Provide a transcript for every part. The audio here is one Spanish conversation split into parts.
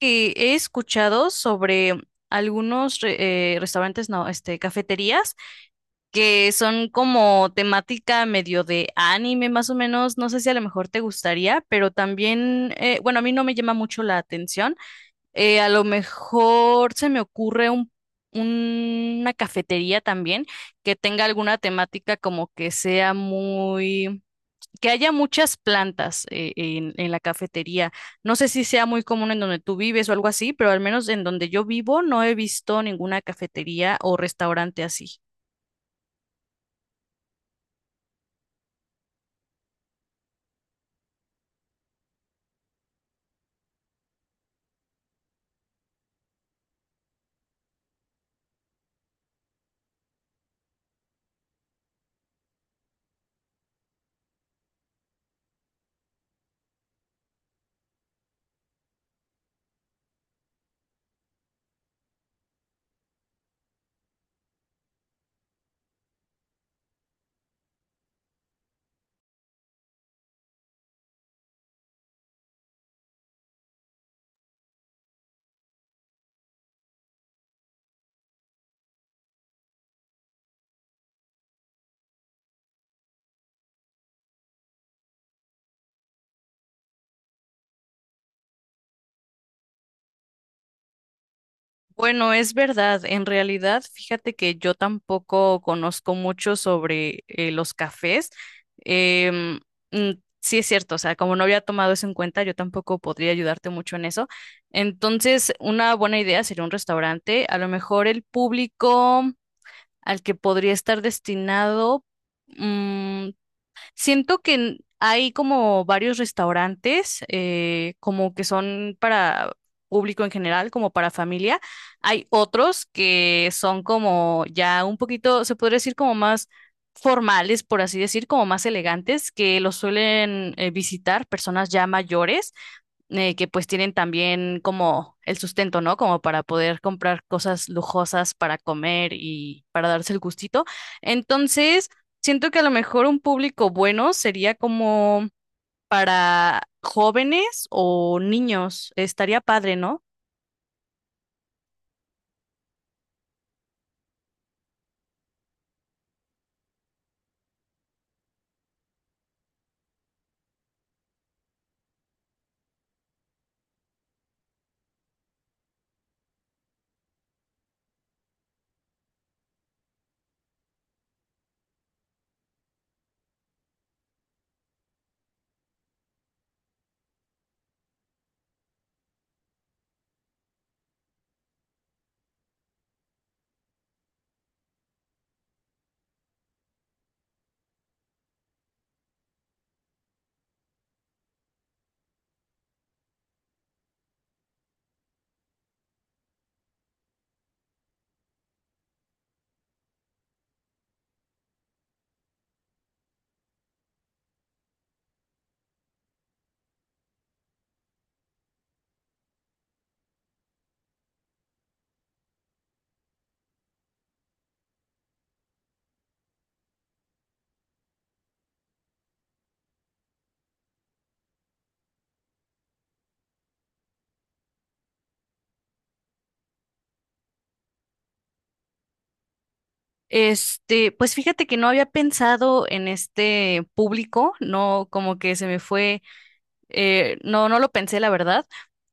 Que he escuchado sobre algunos restaurantes, no, este, cafeterías que son como temática medio de anime, más o menos. No sé si a lo mejor te gustaría, pero también, bueno, a mí no me llama mucho la atención. A lo mejor se me ocurre un una cafetería también que tenga alguna temática como que sea muy, que haya muchas plantas en la cafetería. No sé si sea muy común en donde tú vives o algo así, pero al menos en donde yo vivo no he visto ninguna cafetería o restaurante así. Bueno, es verdad. En realidad, fíjate que yo tampoco conozco mucho sobre los cafés. Em, mm, sí es cierto, o sea, como no había tomado eso en cuenta, yo tampoco podría ayudarte mucho en eso. Entonces, una buena idea sería un restaurante. A lo mejor el público al que podría estar destinado. mm, Siento que hay como varios restaurantes, como que son para público en general, como para familia. Hay otros que son como ya un poquito, se podría decir como más formales, por así decir, como más elegantes, que los suelen visitar personas ya mayores, que pues tienen también como el sustento, ¿no? Como para poder comprar cosas lujosas para comer y para darse el gustito. Entonces, siento que a lo mejor un público bueno sería como para jóvenes o niños. Estaría padre, ¿no? Este, pues fíjate que no había pensado en este público, no, como que se me fue. No, no lo pensé, la verdad.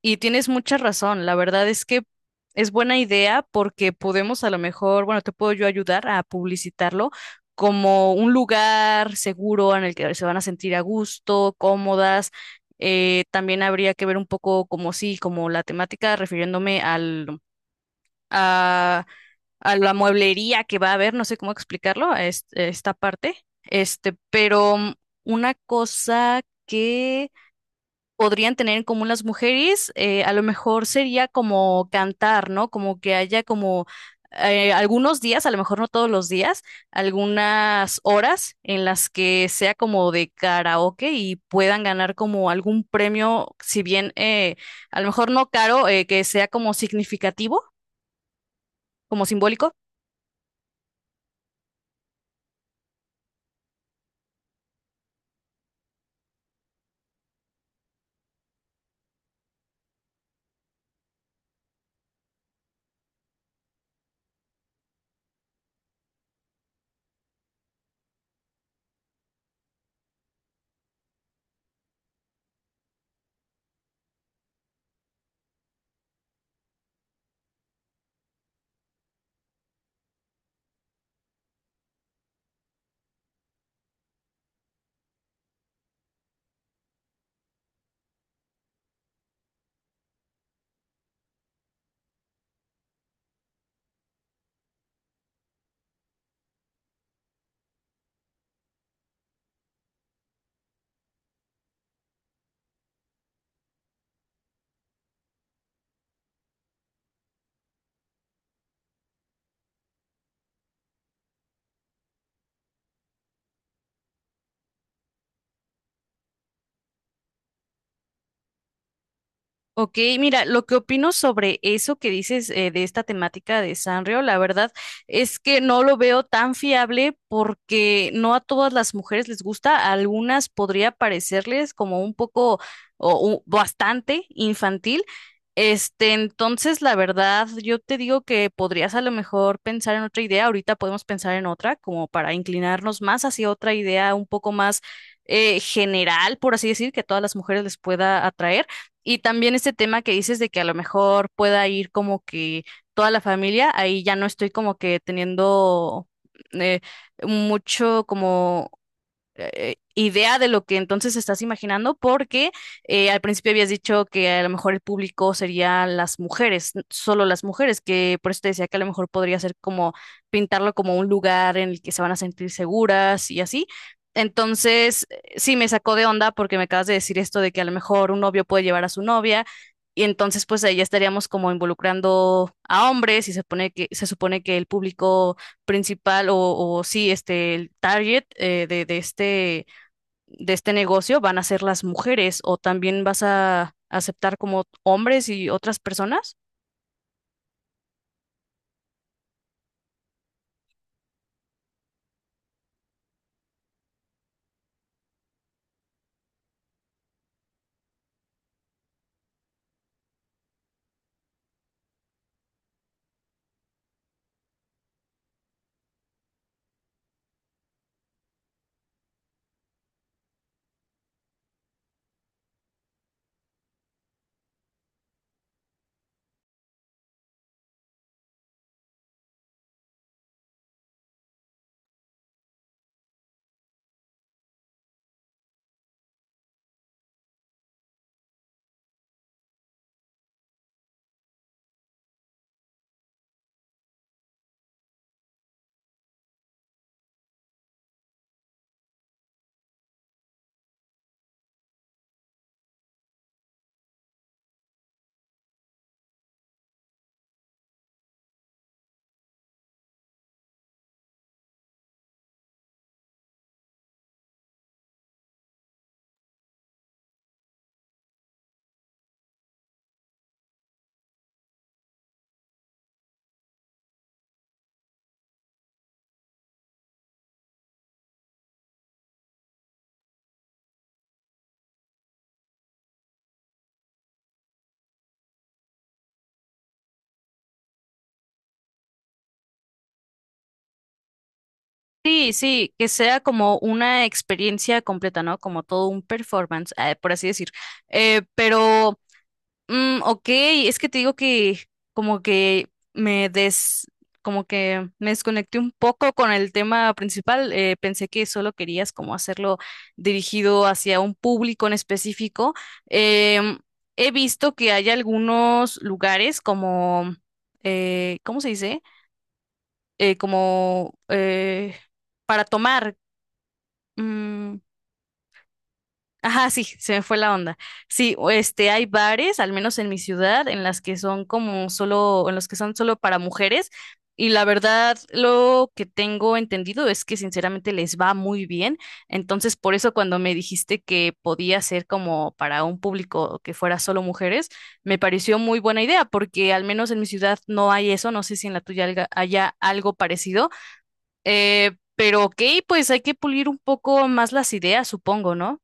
Y tienes mucha razón. La verdad es que es buena idea porque podemos a lo mejor, bueno, te puedo yo ayudar a publicitarlo como un lugar seguro en el que se van a sentir a gusto, cómodas. También habría que ver un poco como sí, como la temática, refiriéndome al, a, a la mueblería que va a haber, no sé cómo explicarlo, a esta parte. Este, pero una cosa que podrían tener en común las mujeres, a lo mejor sería como cantar, ¿no? Como que haya como algunos días, a lo mejor no todos los días, algunas horas en las que sea como de karaoke y puedan ganar como algún premio, si bien a lo mejor no caro, que sea como significativo, como simbólico. Ok, mira, lo que opino sobre eso que dices, de esta temática de Sanrio, la verdad es que no lo veo tan fiable porque no a todas las mujeres les gusta, a algunas podría parecerles como un poco o bastante infantil. Este, entonces, la verdad, yo te digo que podrías a lo mejor pensar en otra idea. Ahorita podemos pensar en otra, como para inclinarnos más hacia otra idea un poco más general, por así decir, que a todas las mujeres les pueda atraer. Y también este tema que dices de que a lo mejor pueda ir como que toda la familia, ahí ya no estoy como que teniendo eh, mucho como idea de lo que entonces estás imaginando, porque al principio habías dicho que a lo mejor el público sería las mujeres, solo las mujeres, que por eso te decía que a lo mejor podría ser como pintarlo como un lugar en el que se van a sentir seguras y así. Entonces, sí me sacó de onda porque me acabas de decir esto de que a lo mejor un novio puede llevar a su novia. Y entonces, pues ahí ya estaríamos como involucrando a hombres y se pone que, se supone que el público principal o sí, este, el target, de este negocio, ¿van a ser las mujeres o también vas a aceptar como hombres y otras personas? Sí, sí, que sea como una experiencia completa, ¿no? Como todo un performance, por así decir. Eh, pero Mm, ok, es que te digo que como que me des, como que me desconecté un poco con el tema principal. Pensé que solo querías como hacerlo dirigido hacia un público en específico. Em, he visto que hay algunos lugares como, ¿cómo se dice? Como para tomar. mm, Ajá, sí, se me fue la onda. Sí, o este, hay bares, al menos en mi ciudad, en las que son como solo, en los que son solo para mujeres. Y la verdad, lo que tengo entendido es que sinceramente les va muy bien. Entonces, por eso cuando me dijiste que podía ser como para un público que fuera solo mujeres, me pareció muy buena idea, porque al menos en mi ciudad no hay eso. No sé si en la tuya haya algo parecido. Pero ok, pues hay que pulir un poco más las ideas, supongo, ¿no?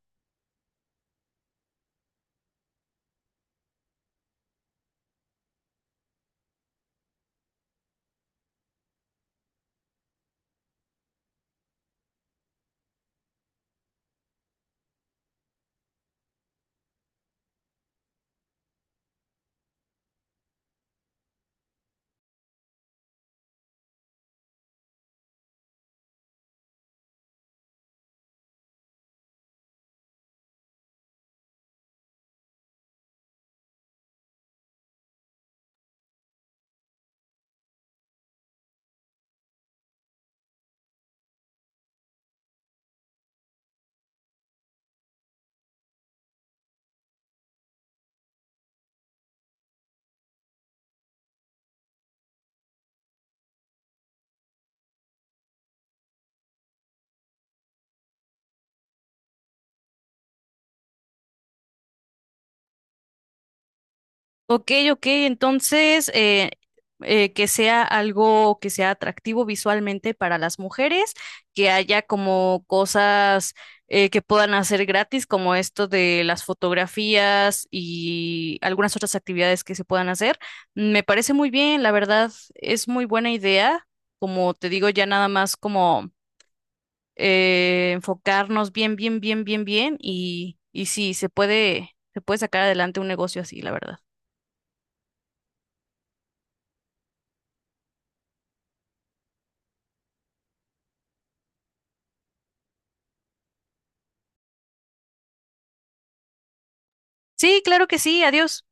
Ok, ok, entonces que sea algo que sea atractivo visualmente para las mujeres, que haya como cosas que puedan hacer gratis, como esto de las fotografías y algunas otras actividades que se puedan hacer. Me parece muy bien, la verdad, es muy buena idea. Como te digo, ya nada más como enfocarnos bien, bien, bien, bien, bien y, sí, se puede sacar adelante un negocio así, la verdad. Sí, claro que sí, adiós.